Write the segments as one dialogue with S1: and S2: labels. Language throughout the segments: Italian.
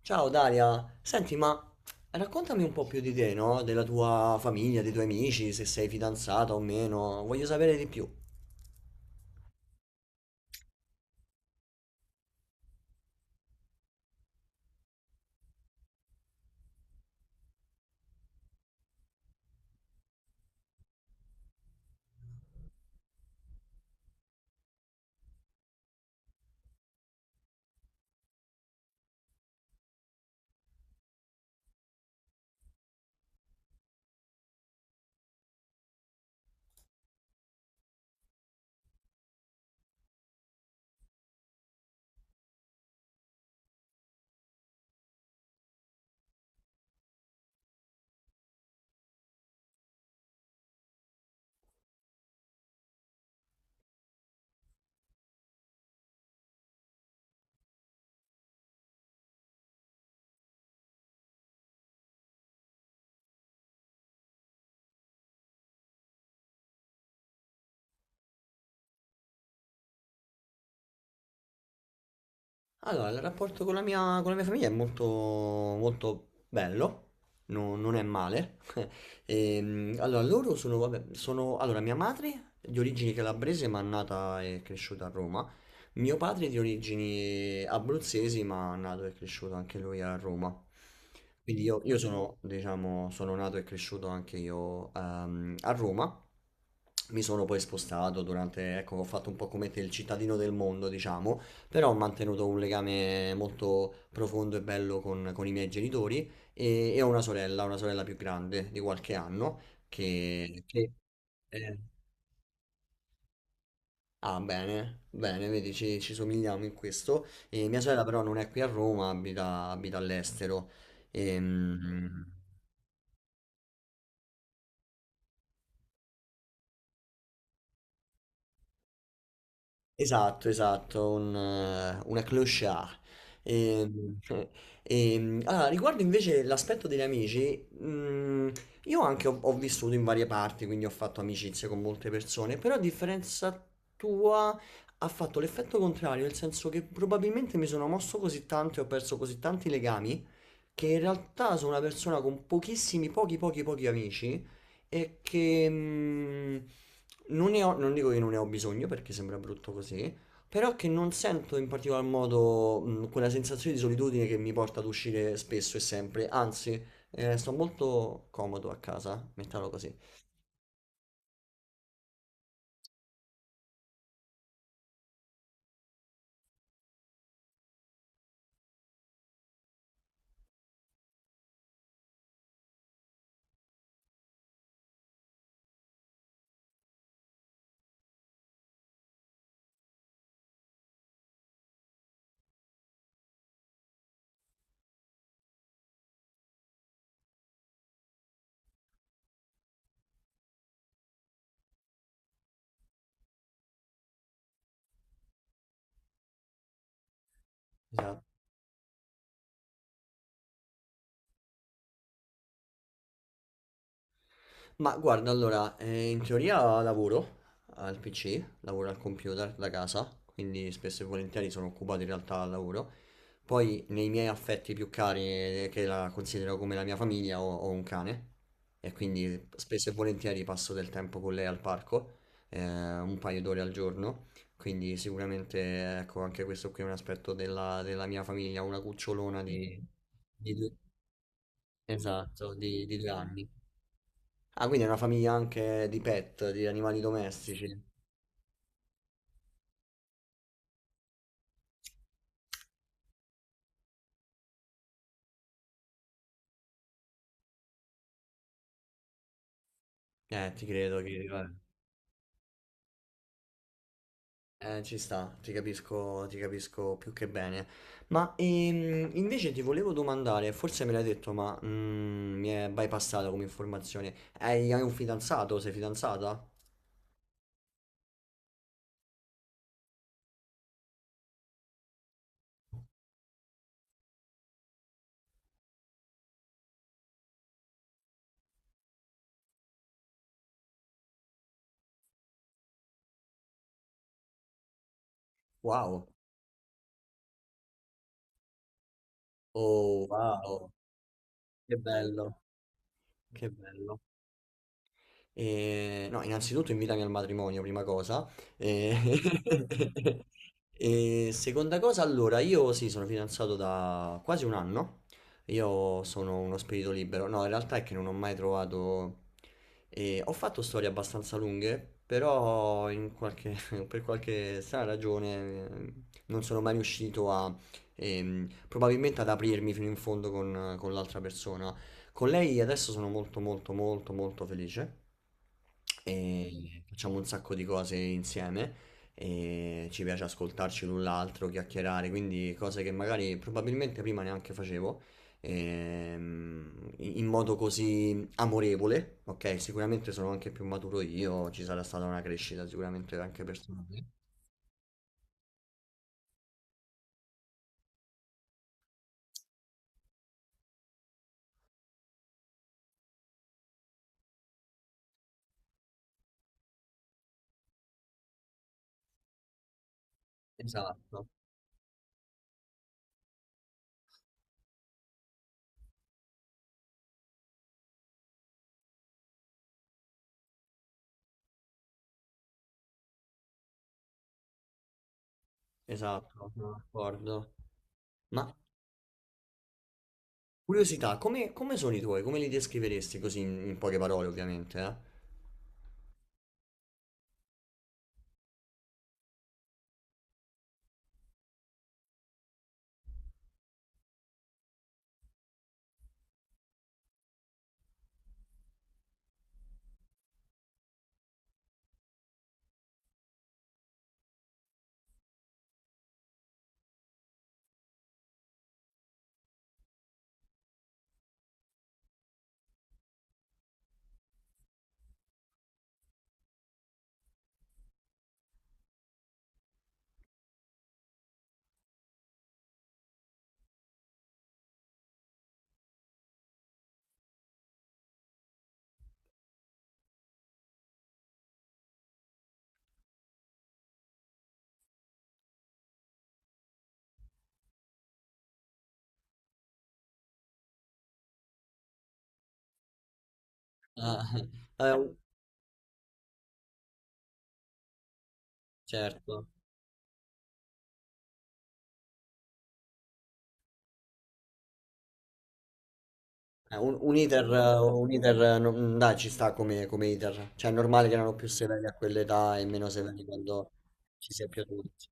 S1: Ciao Daria, senti, ma raccontami un po' più di te, no? Della tua famiglia, dei tuoi amici, se sei fidanzata o meno, voglio sapere di più. Allora, il rapporto con la mia famiglia è molto, molto bello, non è male. Allora, loro sono, vabbè, sono, allora, mia madre di origini calabrese ma nata e cresciuta a Roma, mio padre di origini abruzzesi ma nato e cresciuto anche lui a Roma. Quindi io, sono, diciamo, sono nato e cresciuto anche io a Roma. Mi sono poi spostato durante, ecco, ho fatto un po' come te il cittadino del mondo, diciamo però ho mantenuto un legame molto profondo e bello con, i miei genitori e ho una sorella più grande di qualche anno che... che- eh, ah, bene, bene, vedi, ci somigliamo in questo. E mia sorella però non è qui a Roma, abita. All'estero. Ehm, Esatto, esatto, una clochard. E, e, allora, riguardo invece l'aspetto degli amici, io anche ho vissuto in varie parti, quindi ho fatto amicizie con molte persone, però a differenza tua ha fatto l'effetto contrario, nel senso che probabilmente mi sono mosso così tanto e ho perso così tanti legami che in realtà sono una persona con pochissimi, pochi, pochi, pochi amici e che non dico che non ne ho bisogno perché sembra brutto così, però che non sento in particolar modo quella sensazione di solitudine che mi porta ad uscire spesso e sempre, anzi, sto molto comodo a casa, mettiamolo così. Mi sa- Ma guarda, allora, in teoria lavoro al PC, lavoro al computer da casa, quindi spesso e volentieri sono occupato in realtà al lavoro. Poi nei miei affetti più cari, che la considero come la mia famiglia, ho, un cane e quindi spesso e volentieri passo del tempo con lei al parco, un paio d'ore al giorno. Quindi sicuramente, ecco, anche questo qui è un aspetto della, mia famiglia, una cucciolona di due, esatto, di 2 anni. Ah, quindi è una famiglia anche di pet, di animali domestici. Ti credo che vabbè. Ci sta, ti capisco più che bene. Ma invece ti volevo domandare, forse me l'hai detto, ma mi è bypassata come informazione. hai un fidanzato? Sei fidanzata? Wow. Oh, wow. Che bello, che bello. No, innanzitutto invitami al matrimonio, prima cosa. Eh, e seconda cosa, allora, io sì, sono fidanzato da quasi un anno. Io sono uno spirito libero. No, in realtà è che non ho mai trovato. Ho fatto storie abbastanza lunghe, però per qualche strana ragione non sono mai riuscito a. Probabilmente ad aprirmi fino in fondo con l'altra persona. Con lei adesso sono molto molto molto molto felice e facciamo un sacco di cose insieme e ci piace ascoltarci l'un l'altro, chiacchierare, quindi cose che magari probabilmente prima neanche facevo in modo così amorevole, ok? Sicuramente sono anche più maturo io, ci sarà stata una crescita sicuramente anche personale. Esatto, esatto, sono d'accordo. Ma curiosità, come, sono i tuoi? Come li descriveresti così in poche parole, ovviamente, eh? Ah, eh, certo. Eh, Un, un iter, eh, un iter, non- dai, ci sta come iter. Cioè, è normale che erano più severi a quell'età e meno severi quando ci si è più adulti.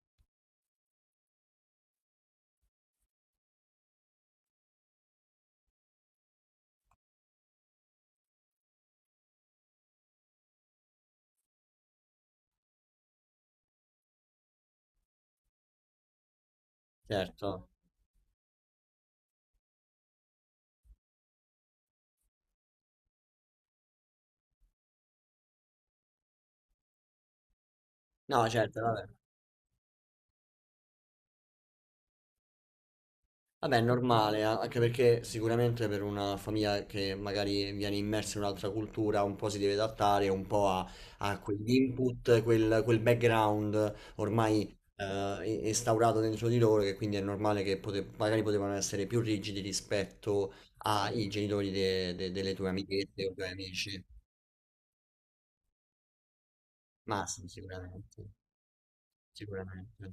S1: Certo. No, certo, vabbè. Vabbè, è normale, anche perché sicuramente per una famiglia che magari viene immersa in un'altra cultura un po' si deve adattare un po' a, quegli input, quel background ormai instaurato dentro di loro, che quindi è normale che magari potevano essere più rigidi rispetto ai genitori delle tue amichette o tuoi amici. Ma sì, sicuramente, sicuramente.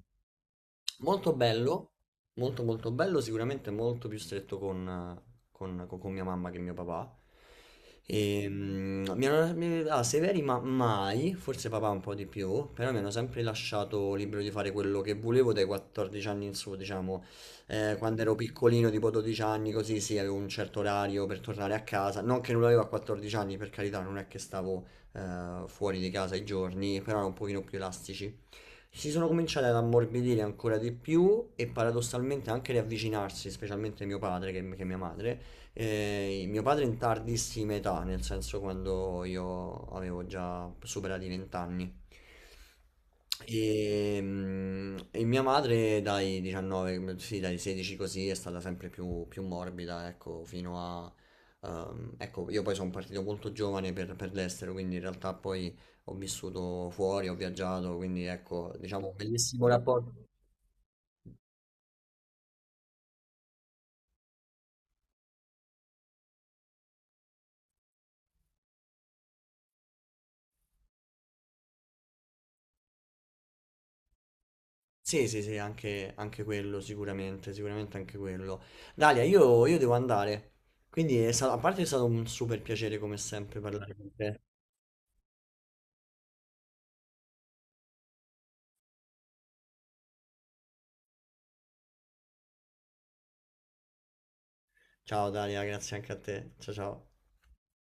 S1: Molto bello, molto molto bello, sicuramente molto più stretto con, con mia mamma che mio papà. E, mm, mi hanno, mi- ah, Severi ma mai, forse papà un po' di più, però mi hanno sempre lasciato libero di fare quello che volevo dai 14 anni in su, diciamo. Quando ero piccolino, tipo 12 anni, così sì, avevo un certo orario per tornare a casa. Non che non l'avevo a 14 anni, per carità, non è che stavo fuori di casa i giorni, però erano un pochino più elastici. Si sono cominciati ad ammorbidire ancora di più e paradossalmente anche riavvicinarsi, specialmente mio padre che, mia madre. Mio padre in tardissima età, nel senso quando io avevo già superato i 20 anni. E mia madre dai 19, sì, dai 16 così è stata sempre più, morbida, ecco, fino a. Ecco, io poi sono partito molto giovane per l'estero, quindi in realtà poi ho vissuto fuori, ho viaggiato, quindi ecco, diciamo, un bellissimo rapporto. Sì, sì, sì, anche, quello, sicuramente, sicuramente anche quello. Dalia, io devo andare, quindi a parte è stato un super piacere come sempre parlare con te. Ciao Dalia, grazie anche a te. Ciao ciao.